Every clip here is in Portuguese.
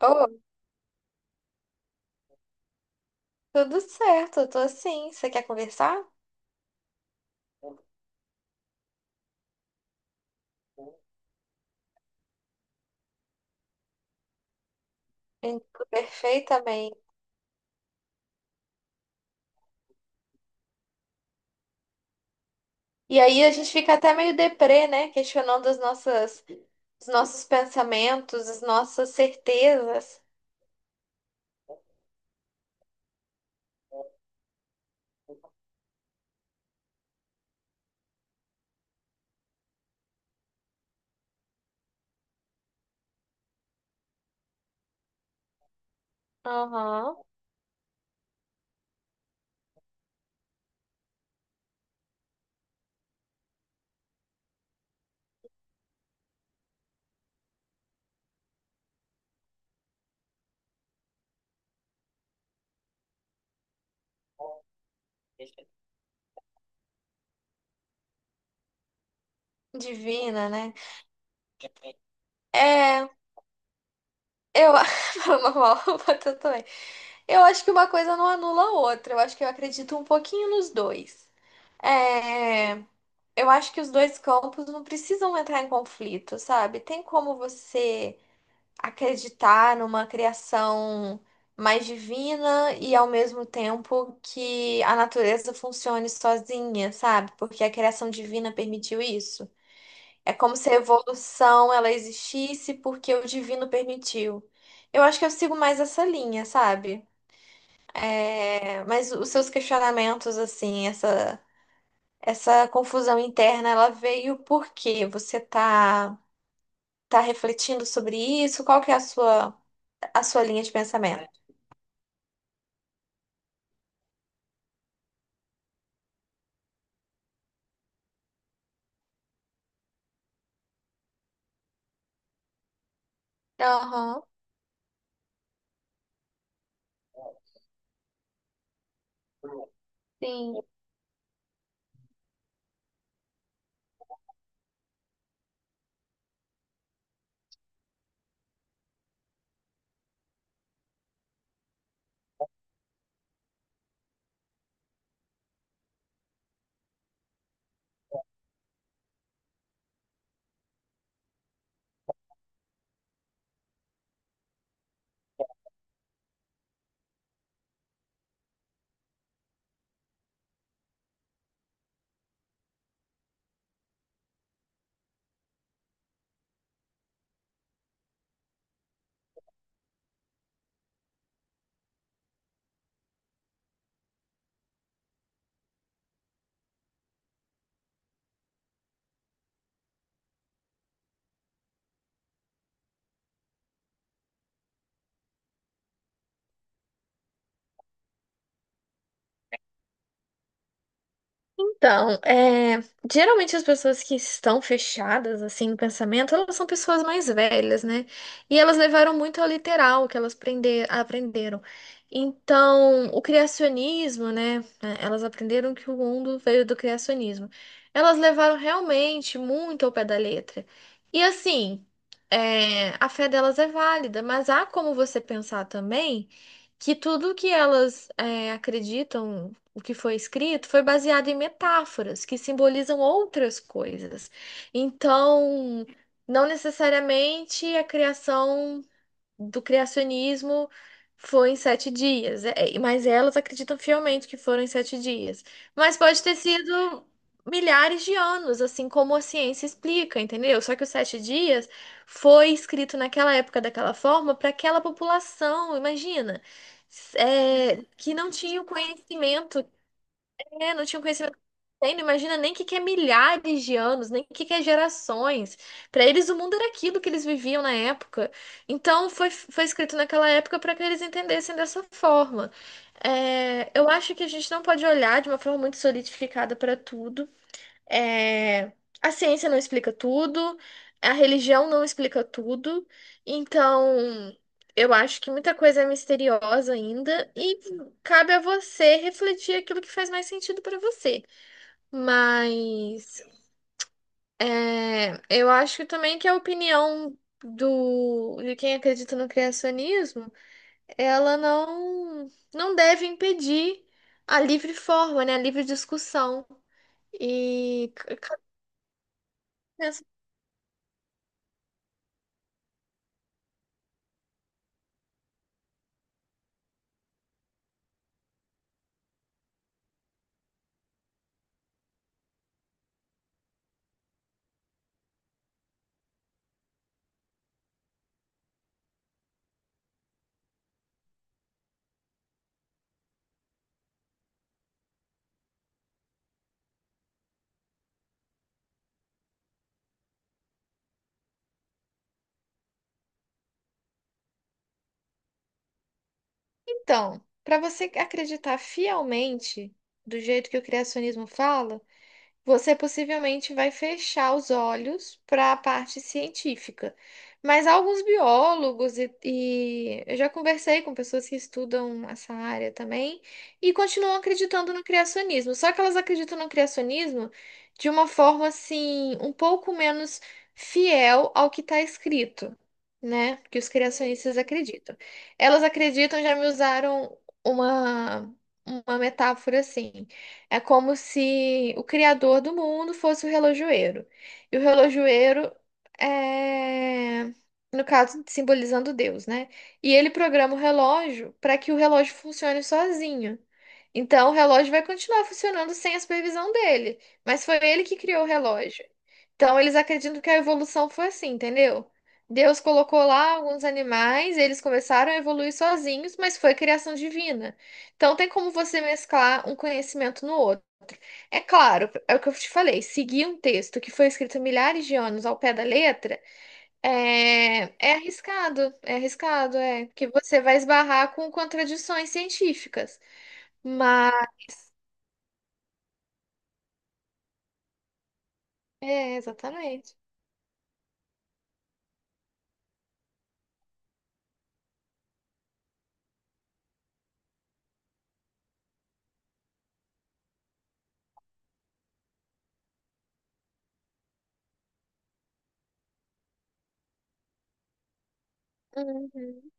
Oh, tudo certo, eu tô assim. Você quer conversar? Entendo perfeitamente. E aí a gente fica até meio deprê, né? Questionando as nossas, os nossos pensamentos, as nossas certezas. Aham. Divina, né? É, eu. Fala Normal, eu também. Eu acho que uma coisa não anula a outra. Eu acho que eu acredito um pouquinho nos dois. É. Eu acho que os dois campos não precisam entrar em conflito, sabe? Tem como você acreditar numa criação mais divina e ao mesmo tempo que a natureza funcione sozinha, sabe? Porque a criação divina permitiu isso. É como se a evolução ela existisse porque o divino permitiu. Eu acho que eu sigo mais essa linha, sabe? Mas os seus questionamentos, assim, essa. Essa confusão interna, ela veio porque você tá refletindo sobre isso? Qual que é a sua linha de pensamento? Aham, sim. Então, geralmente as pessoas que estão fechadas assim no pensamento, elas são pessoas mais velhas, né? E elas levaram muito ao literal o que elas aprenderam. Então, o criacionismo, né? Elas aprenderam que o mundo veio do criacionismo. Elas levaram realmente muito ao pé da letra. E assim, é, a fé delas é válida, mas há como você pensar também que tudo que elas acreditam o que foi escrito foi baseado em metáforas que simbolizam outras coisas. Então, não necessariamente a criação do criacionismo foi em sete dias, mas elas acreditam fielmente que foram em sete dias. Mas pode ter sido milhares de anos, assim como a ciência explica, entendeu? Só que os sete dias foi escrito naquela época daquela forma para aquela população, imagina que não tinha o conhecimento, não tinha um conhecimento. Tem, imagina nem que é milhares de anos, nem que é gerações. Para eles o mundo era aquilo que eles viviam na época. Então foi escrito naquela época para que eles entendessem dessa forma. Eu acho que a gente não pode olhar de uma forma muito solidificada para tudo. É, a ciência não explica tudo, a religião não explica tudo, então eu acho que muita coisa é misteriosa ainda e cabe a você refletir aquilo que faz mais sentido para você. Mas é, eu acho também que a opinião de quem acredita no criacionismo, ela não deve impedir a livre forma, né, a livre discussão. E então, para você acreditar fielmente do jeito que o criacionismo fala, você possivelmente vai fechar os olhos para a parte científica. Mas alguns biólogos e eu já conversei com pessoas que estudam essa área também e continuam acreditando no criacionismo. Só que elas acreditam no criacionismo de uma forma assim, um pouco menos fiel ao que está escrito, né? Que os criacionistas acreditam. Elas acreditam, já me usaram uma, uma metáfora assim. É como se o criador do mundo fosse o relojoeiro. E o relojoeiro é, no caso, simbolizando Deus, né? E ele programa o relógio para que o relógio funcione sozinho. Então, o relógio vai continuar funcionando sem a supervisão dele, mas foi ele que criou o relógio. Então, eles acreditam que a evolução foi assim, entendeu? Deus colocou lá alguns animais, eles começaram a evoluir sozinhos, mas foi criação divina. Então, tem como você mesclar um conhecimento no outro. É claro, é o que eu te falei. Seguir um texto que foi escrito há milhares de anos ao pé da letra é arriscado, é arriscado, é que você vai esbarrar com contradições científicas. Mas é exatamente. Uhum,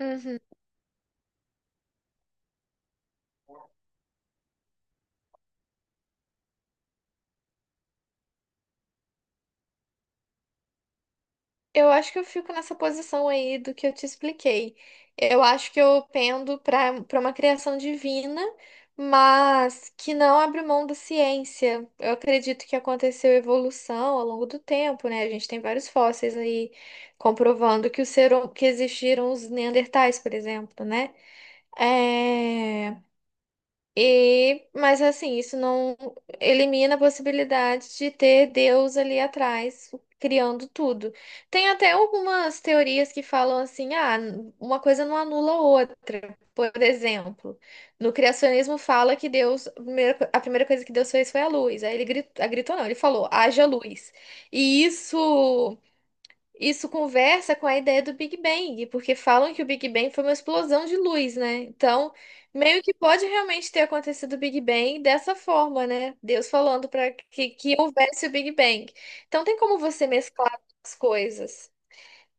uhum. Eu acho que eu fico nessa posição aí do que eu te expliquei. Eu acho que eu pendo para uma criação divina, mas que não abre mão da ciência. Eu acredito que aconteceu evolução ao longo do tempo, né? A gente tem vários fósseis aí comprovando que que existiram os neandertais, por exemplo, né? É, e, mas assim, isso não elimina a possibilidade de ter Deus ali atrás criando tudo. Tem até algumas teorias que falam assim, ah, uma coisa não anula a outra. Por exemplo, no criacionismo fala que Deus, a primeira coisa que Deus fez foi a luz. Aí ele gritou, gritou não, ele falou, haja luz. E isso conversa com a ideia do Big Bang, porque falam que o Big Bang foi uma explosão de luz, né? Então, meio que pode realmente ter acontecido o Big Bang dessa forma, né? Deus falando para que, que houvesse o Big Bang. Então, tem como você mesclar as coisas.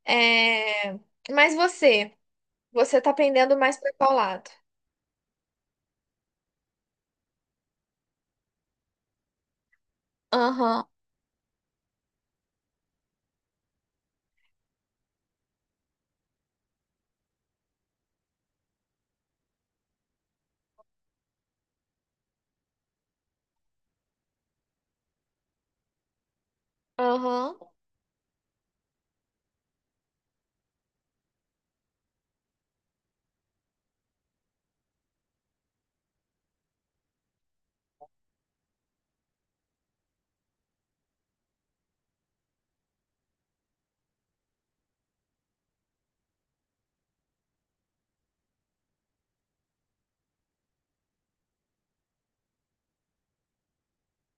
É, Mas você, você tá pendendo mais para qual lado? Aham, aham,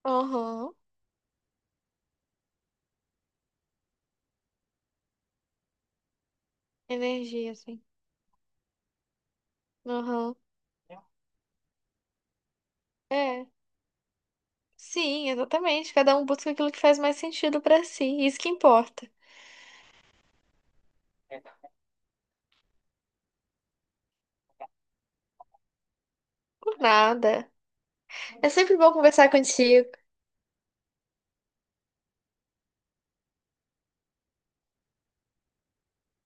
aham. Energia, assim. Aham. É. Sim, exatamente. Cada um busca aquilo que faz mais sentido pra si. Isso que importa. Nada. É sempre bom conversar contigo.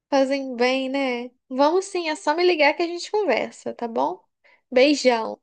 Fazem bem, né? Vamos sim, é só me ligar que a gente conversa, tá bom? Beijão.